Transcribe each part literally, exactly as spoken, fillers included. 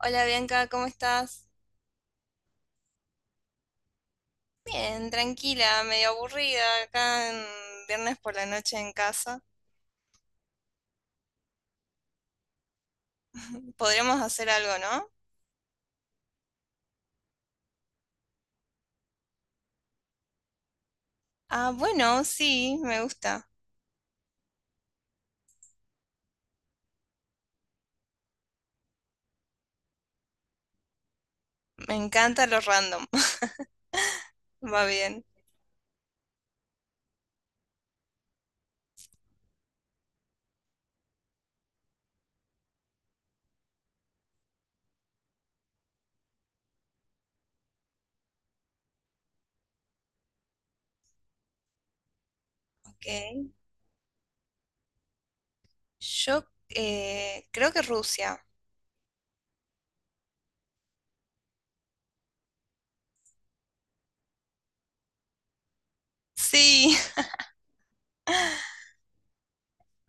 Hola Bianca, ¿cómo estás? Bien, tranquila, medio aburrida acá en viernes por la noche en casa. Podríamos hacer algo, ¿no? Ah, bueno, sí, me gusta. Me encanta lo random. Va bien. Ok. Yo eh, creo que Rusia. Sí.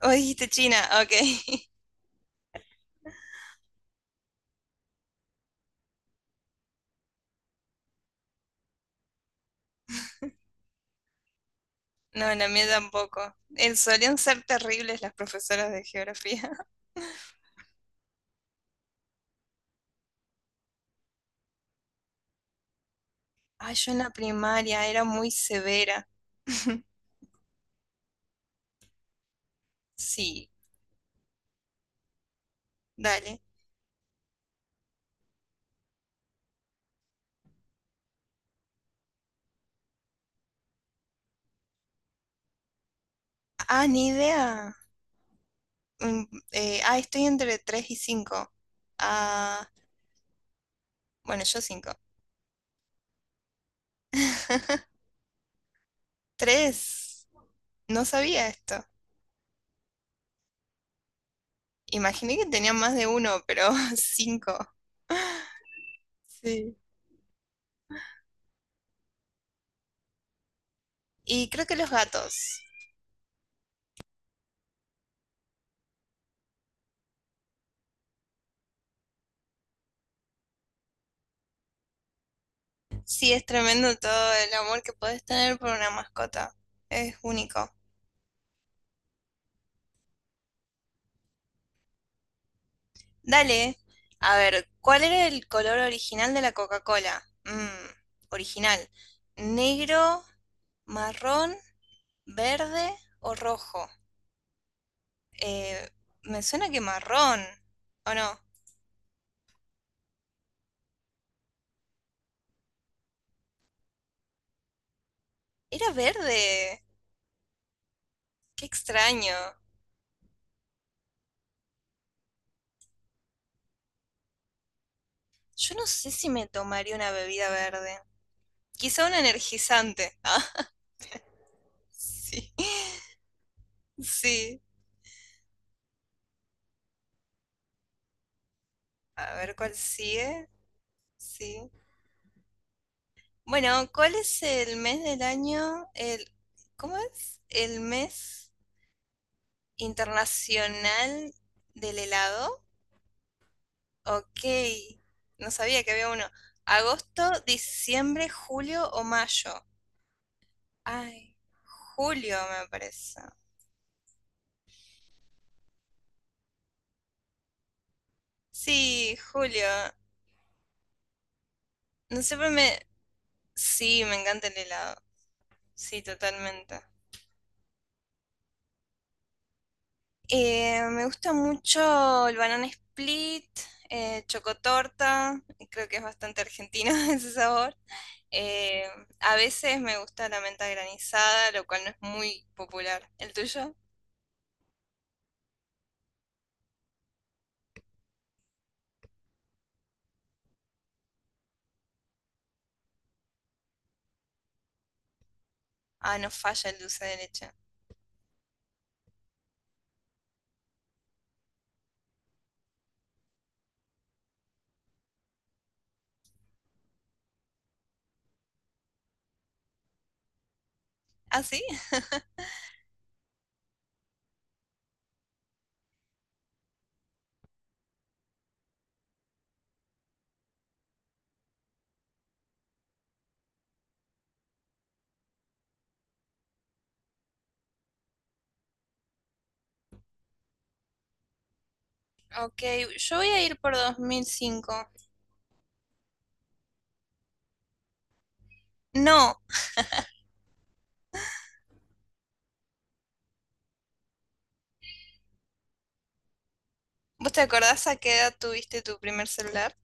O dijiste China, ok. No, la mía tampoco. Eh, solían ser terribles las profesoras de geografía. Ay, yo en la primaria era muy severa. Sí, dale. Ah, ni idea. Mm, eh, ah, estoy entre tres y cinco. Ah, bueno, yo cinco, tres. No sabía esto. Imaginé que tenían más de uno, pero cinco. Sí. Y creo que los gatos. Sí, es tremendo todo el amor que puedes tener por una mascota. Es único. Dale. A ver, ¿cuál era el color original de la Coca-Cola? Mm, original. Negro, marrón. ¿Verde o rojo? Eh, me suena que marrón, ¿o no? Era verde. Qué extraño. Yo no sé si me tomaría una bebida verde. Quizá un energizante. Ah, sí. Sí. A ver cuál sigue. Sí. Bueno, ¿cuál es el mes del año? El, ¿cómo es? El mes internacional del helado. Ok, no sabía que había uno. Agosto, diciembre, julio o mayo. Ay, julio me parece. Sí, julio. No siempre me... Sí, me encanta el helado. Sí, totalmente. Eh, me gusta mucho el banana split, eh, chocotorta. Creo que es bastante argentino ese sabor. Eh, a veces me gusta la menta granizada, lo cual no es muy popular. ¿El tuyo? Ah, no falla el dulce de leche. ¿Ah, sí? Ok, yo voy a ir por dos mil cinco. No, ¿vos te acordás a qué edad tuviste tu primer celular?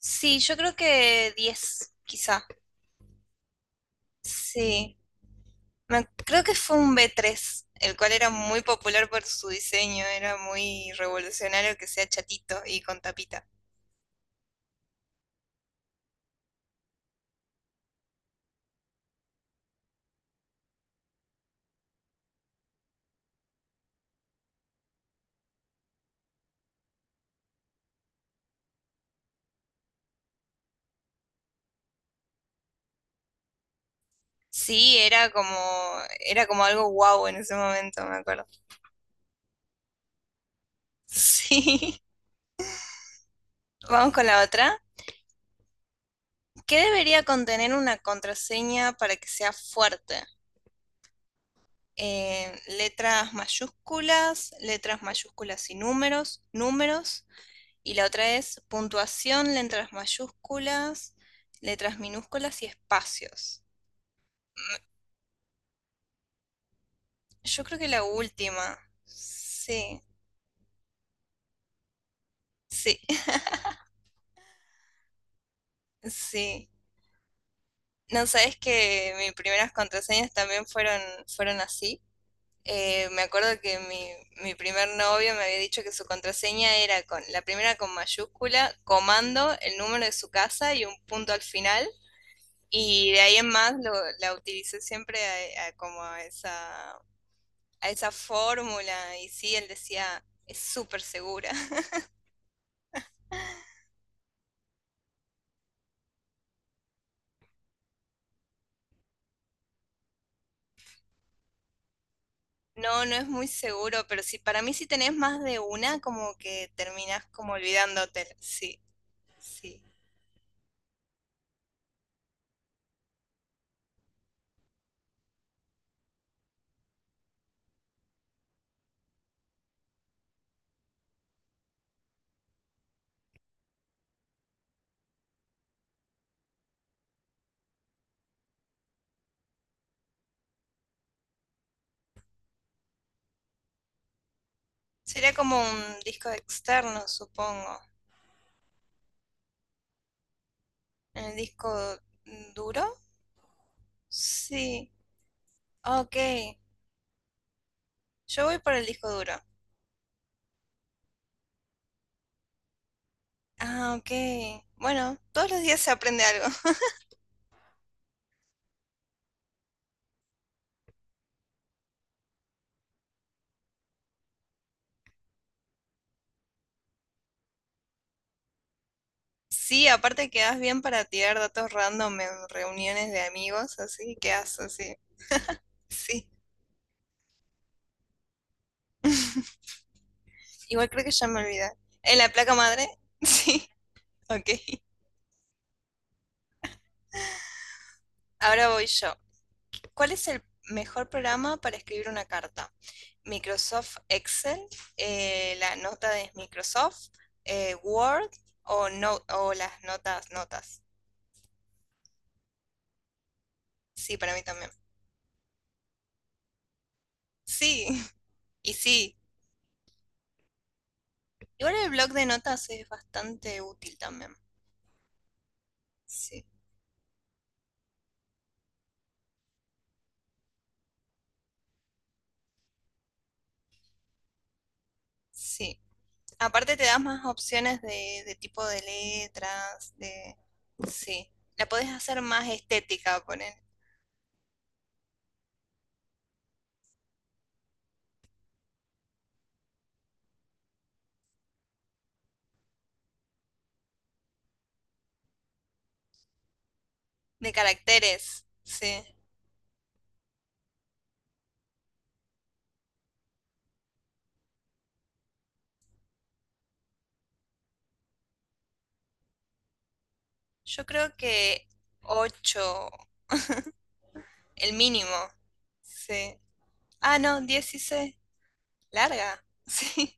Sí, yo creo que diez, quizá. Sí, Me- creo que fue un b tres, el cual era muy popular por su diseño, era muy revolucionario que sea chatito y con tapita. Sí, era como, era como algo guau en ese momento, me acuerdo. Sí. Vamos con la otra. ¿Qué debería contener una contraseña para que sea fuerte? Eh, letras mayúsculas, letras mayúsculas y números, números. Y la otra es puntuación, letras mayúsculas, letras minúsculas y espacios. Yo creo que la última. Sí, sí, sí. No sabes que mis primeras contraseñas también fueron, fueron así. Eh, me acuerdo que mi, mi primer novio me había dicho que su contraseña era con la primera con mayúscula, comando, el número de su casa y un punto al final. Y de ahí en más lo- la utilicé siempre a- a como a esa, a esa fórmula. Y sí, él decía, es súper segura. No, no es muy seguro, pero sí, para mí si tenés más de una, como que terminás como olvidándote. Sí, sí. Sería como un disco externo, supongo. ¿En el disco duro? Sí. Ok. Yo voy por el disco duro. Ah, ok. Bueno, todos los días se aprende algo. Sí, aparte quedas bien para tirar datos random en reuniones de amigos, así quedas así. Sí. Igual creo que ya me olvidé. ¿En la placa madre? Sí. Ok. Ahora voy yo. ¿Cuál es el mejor programa para escribir una carta? Microsoft Excel, eh, la nota de Microsoft, eh, Word o, no, o las notas, notas. Sí, para mí también. Sí, y sí. Igual el blog de notas es bastante útil también. Sí, sí. Aparte te das más opciones de, de tipo de letras, de... Sí. La podés hacer más estética, poner. De caracteres, sí. Yo creo que ocho el mínimo. Sí. Ah, no, dieciséis. Larga. Sí.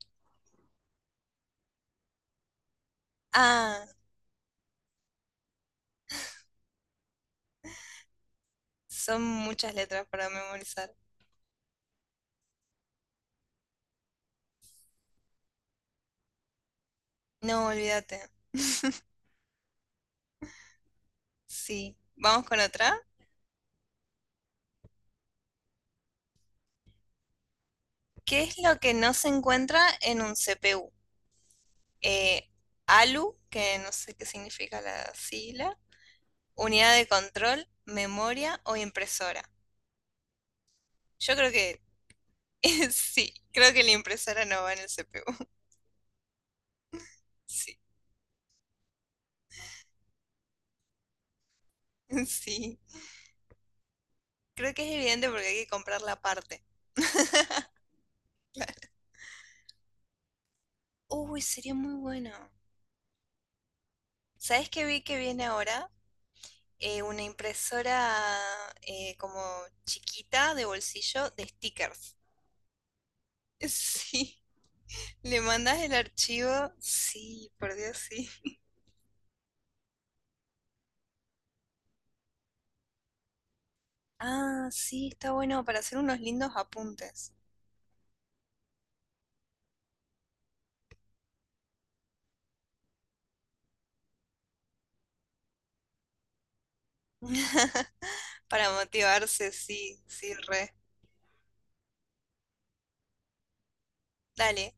Ah, son muchas letras para memorizar. No, olvídate. Sí. Vamos con otra. ¿Qué es lo que no se encuentra en un C P U? Eh, A L U, que no sé qué significa la sigla. Unidad de control, memoria o impresora. Yo creo que sí, creo que la impresora no va en el C P U. Sí, creo que es evidente porque hay que comprar la parte. Uy, sería muy bueno. ¿Sabes qué vi que viene ahora? Eh, una impresora eh, como chiquita de bolsillo de stickers. Sí, le mandas el archivo. Sí, por Dios, sí. Ah, sí, está bueno para hacer unos lindos apuntes. Para motivarse, sí, sí, re. Dale.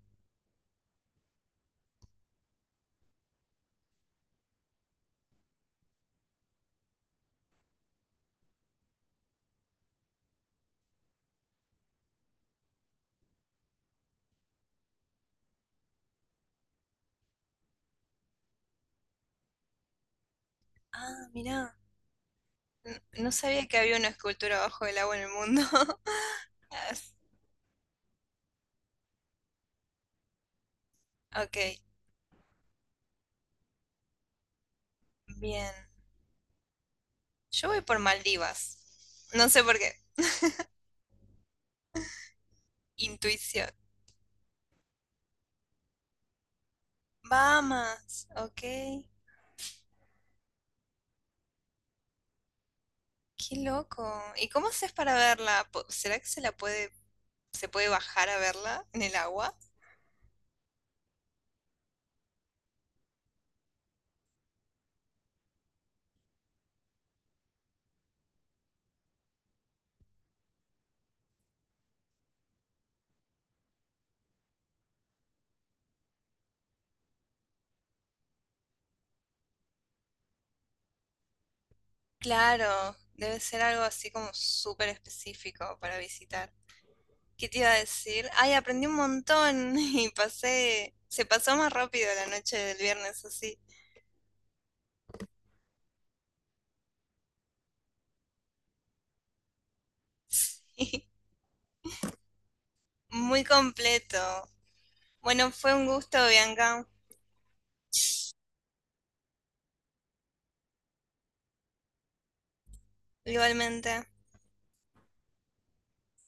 Ah, mirá. n- No sabía que había una escultura bajo el agua en el mundo. As- Ok, bien. Yo voy por Maldivas. No sé por qué. Intuición. Bahamas, ok. Qué loco. ¿Y cómo haces para verla? Po- ¿Será que se la puede, se puede bajar a verla en el agua? Claro, debe ser algo así como súper específico para visitar. ¿Qué te iba a decir? Ay, aprendí un montón y pasé, se pasó más rápido la noche del viernes así. Sí, muy completo. Bueno, fue un gusto, Bianca. Igualmente.